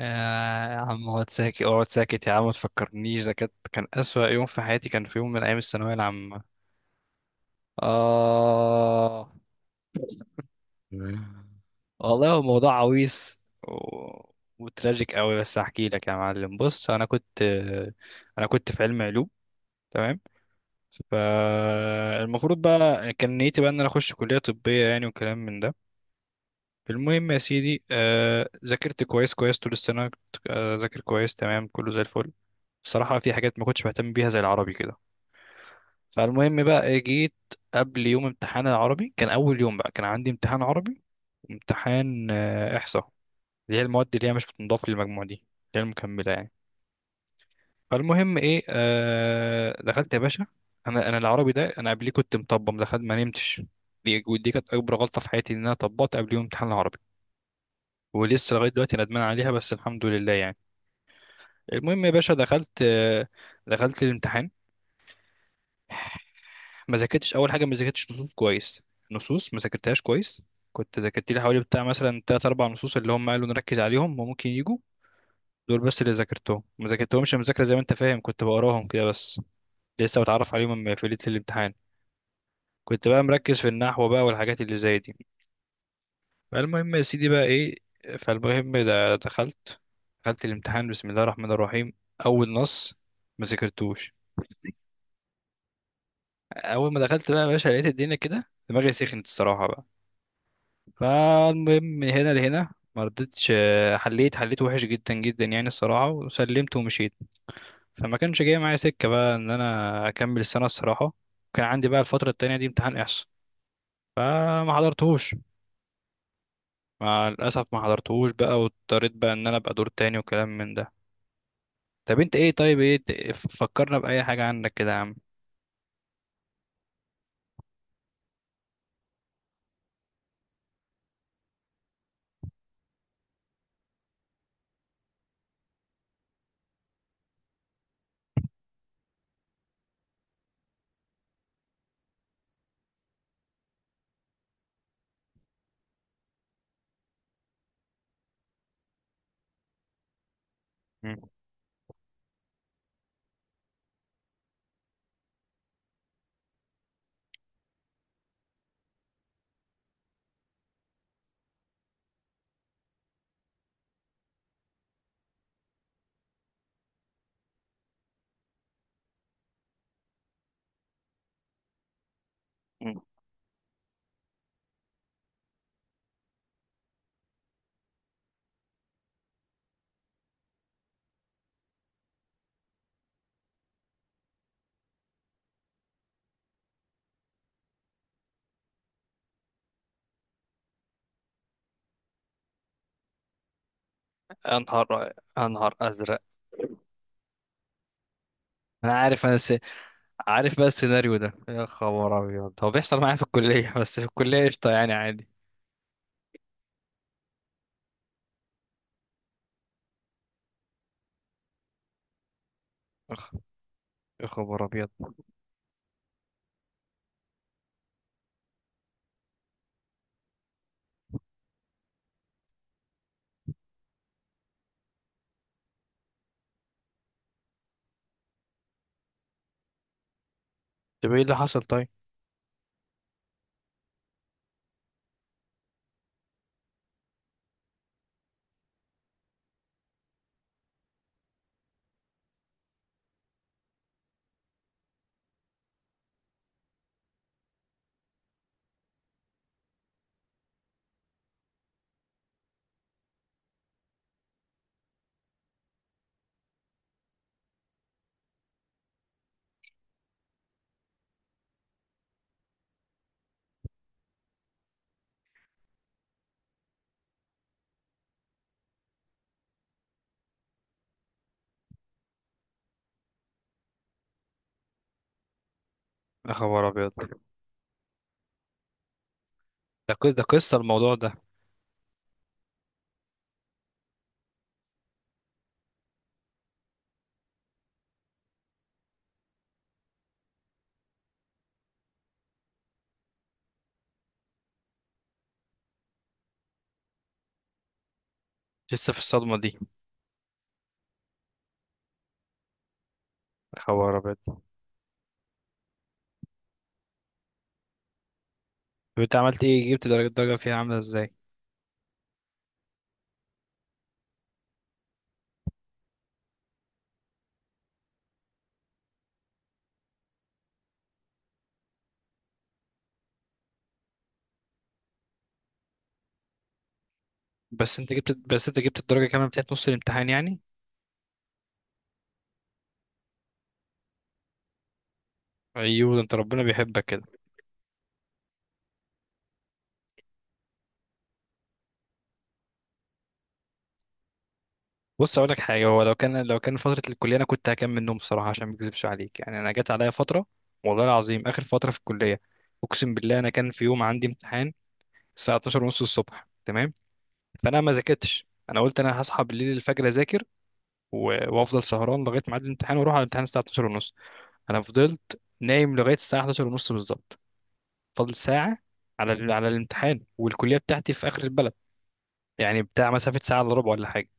يا عم، اقعد ساكت اقعد ساكت يا عم، ما تفكرنيش. ده كان أسوأ يوم في حياتي. كان في يوم من أيام الثانوية العامة. آه والله هو موضوع عويص و... وتراجيك قوي، بس هحكي لك يا معلم. بص، أنا كنت في علم علوم، تمام. فالمفروض بقى كان نيتي بقى إن أنا أخش كلية طبية يعني، وكلام من ده. المهم يا سيدي، ذاكرت كويس كويس طول السنة. كنت ذاكر كويس تمام، كله زي الفل. الصراحة في حاجات ما كنتش بهتم بيها زي العربي كده. فالمهم بقى، جيت قبل يوم امتحان العربي. كان أول يوم بقى كان عندي امتحان عربي وامتحان إحصاء، اللي هي المواد اللي هي مش بتنضاف للمجموع، دي اللي هي المكملة يعني. فالمهم إيه، دخلت يا باشا. أنا العربي ده أنا قبليه كنت مطبق، ما دخلت ما نمتش. دي ودي كانت أكبر غلطة في حياتي، إن أنا طبقت قبل يوم امتحان العربي. ولسه لغايه دلوقتي ندمان عليها، بس الحمد لله يعني. المهم يا باشا، دخلت، دخلت الامتحان. ما ذاكرتش. اول حاجه ما ذاكرتش نصوص كويس. نصوص ما ذاكرتهاش كويس. كنت ذاكرت لي حوالي بتاع مثلا تلات اربع نصوص، اللي هم قالوا نركز عليهم وممكن يجوا دول بس. اللي ذاكرتهم ما ذاكرتهمش مذاكره زي ما انت فاهم، كنت بقراهم كده بس، لسه بتعرف عليهم في ليله الامتحان. كنت بقى مركز في النحو بقى والحاجات اللي زي دي. فالمهم يا سيدي بقى ايه؟ فالمهم ده دخلت. دخلت الامتحان بسم الله الرحمن الرحيم. اول نص ما ذاكرتوش. اول ما دخلت بقى يا باشا، لقيت الدنيا كده، دماغي سخنت الصراحه بقى. فالمهم من هنا لهنا ما رضيتش، حليت. حليت وحش جدا جدا يعني الصراحه، وسلمت ومشيت. فما كانش جاي معايا سكه بقى ان انا اكمل السنه الصراحه. كان عندي بقى الفتره التانية دي امتحان احصاء. فما حضرتهوش. مع الاسف ما حضرتهوش بقى، واضطريت بقى ان انا ابقى دور تاني وكلام من ده. طب انت ايه؟ طيب، ايه فكرنا بأي حاجة عنك كده يا عم؟ مم. مم. انهار انهار ازرق. انا عارف، عارف بقى السيناريو ده. يا خبر ابيض، هو بيحصل معايا في الكلية بس في الكلية قشطة يعني عادي. يا خ- يا خبر ابيض. طب ايه اللي حصل؟ طيب. يا خبر ابيض ده قصة ده قصة الموضوع ده لسه في الصدمة دي يا خبر ابيض. طب انت عملت ايه؟ جبت درجة؟ الدرجة فيها عاملة ازاي؟ بس انت جبت الدرجة كمان بتاعت نص الامتحان يعني. ايوه، ده انت ربنا بيحبك كده. بص اقول لك حاجه، هو لو كان فتره الكليه، انا كنت هكمل نوم بصراحه، عشان ما اكذبش عليك يعني. انا جت عليا فتره، والله العظيم، اخر فتره في الكليه. اقسم بالله، انا كان في يوم عندي امتحان الساعه 12 ونص الصبح، تمام. فانا ما ذاكرتش. انا قلت انا هصحى بالليل، الفجر اذاكر، وافضل سهران لغايه ميعاد الامتحان واروح على الامتحان الساعه 12 ونص. انا فضلت نايم لغايه الساعه 11 ونص بالظبط، فاضل ساعه على الامتحان. والكليه بتاعتي في اخر البلد، يعني بتاع مسافه ساعه الا ربع ولا حاجه.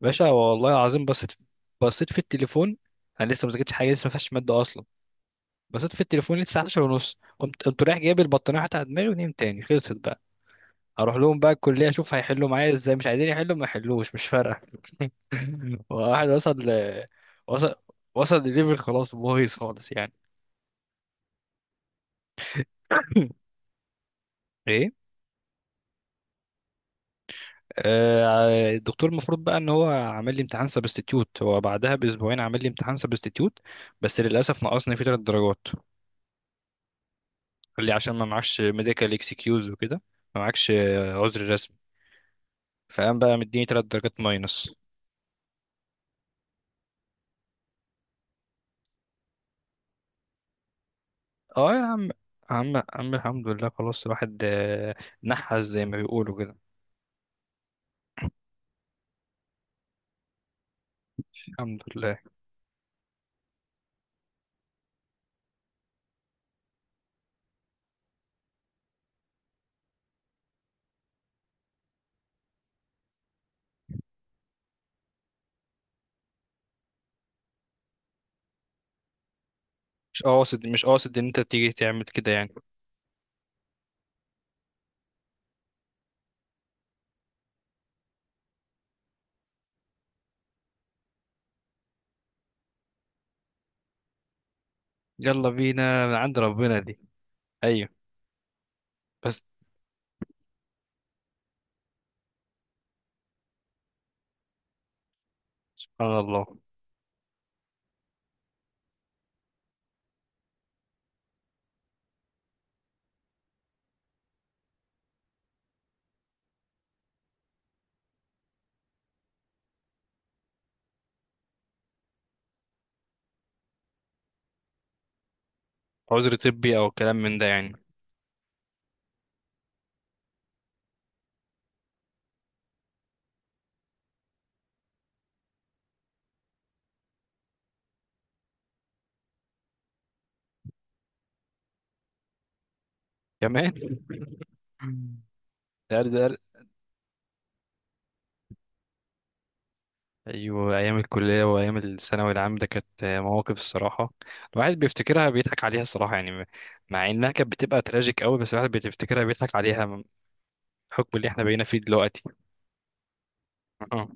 باشا والله العظيم، بصيت. بصيت في التليفون، انا لسه ما ذاكرتش حاجه، لسه ما فتحتش ماده اصلا. بصيت في التليفون لقيت الساعه 11 ونص. قمت رايح جايب البطانيه حتى على دماغي ونمت تاني، خلصت بقى. اروح لهم بقى الكليه اشوف هيحلوا معايا ازاي، مش عايزين يحلوا ما يحلوش مش فارقه. واحد وصل وصل لليفل، خلاص بايظ خالص يعني. ايه. الدكتور المفروض بقى ان هو عامل لي امتحان سبستيتيوت، هو بعدها باسبوعين عامل لي امتحان سبستيتيوت. بس للاسف نقصني فيه 3 درجات. قال لي عشان ما معكش ميديكال اكسكيوز وكده. ما معكش عذر رسمي. فقام بقى مديني 3 درجات ماينس. اه يا عم الحمد لله خلاص. الواحد نحس زي ما بيقولوا كده. الحمد لله. مش قاصد مش قاصد ان انت تيجي تعمل كده يعني. يلا بينا، من عند ربنا دي. ايوه. بس. سبحان الله. عذر طبي او كلام من ده يعني. كمان ده ده ايوه، ايام الكليه وايام الثانوي العام ده كانت مواقف الصراحه. الواحد بيفتكرها بيضحك عليها الصراحه يعني. مع انها كانت بتبقى تراجيك قوي، بس الواحد بيفتكرها بيضحك عليها، بحكم اللي احنا بقينا فيه دلوقتي. اه،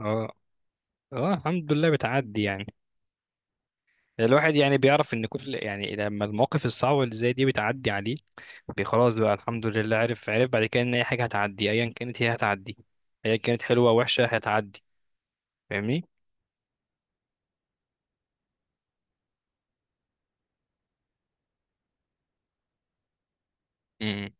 اه، اه، الحمد لله بتعدي يعني. الواحد يعني بيعرف ان كل يعني لما المواقف الصعبه اللي زي دي بتعدي عليه. خلاص بقى الحمد لله. عرف بعد كده ان اي حاجه هتعدي، ايا كانت هي هتعدي، ايا كانت حلوه وحشه هتعدي. فاهمني. امم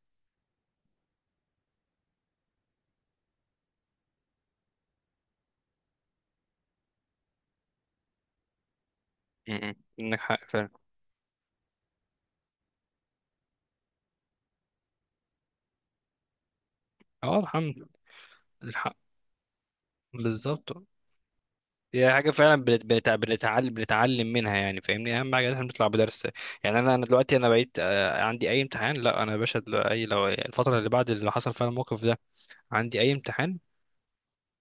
انك حق فعلا. اه، الحمد، الح- بالظبط. هي حاجة فعلا بنتعلم منها يعني، فاهمني. أهم حاجة إن إحنا بنطلع بدرس يعني. أنا دلوقتي أنا بقيت، عندي أي امتحان. لا، أنا يا باشا أي لو الفترة اللي بعد اللي حصل فيها الموقف ده عندي أي امتحان،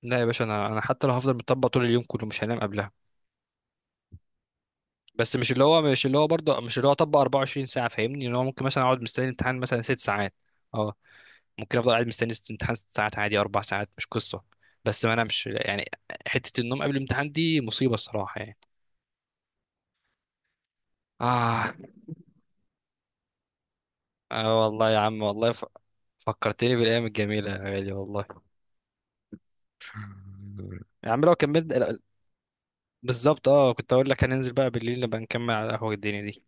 لا يا باشا، أنا حتى لو هفضل مطبق طول اليوم كله مش هنام قبلها. بس مش اللي هو أطبق 24 ساعة. فاهمني إن هو ممكن مثلا أقعد مستني الامتحان مثلا 6 ساعات. أه، ممكن أفضل قاعد مستني امتحان 6 ساعات عادي، 4 ساعات مش قصة. بس ما أنامش يعني. حتة النوم قبل الامتحان دي مصيبة الصراحة يعني. آه اه والله يا عم، والله فكرتني بالايام الجميله يا غالي والله. يا عم، لو كملت. لا، بالظبط، اه، كنت اقول لك هننزل بقى بالليل نبقى نكمل على القهوه الدنيا دي.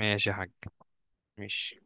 ماشي يا حاج، ماشي.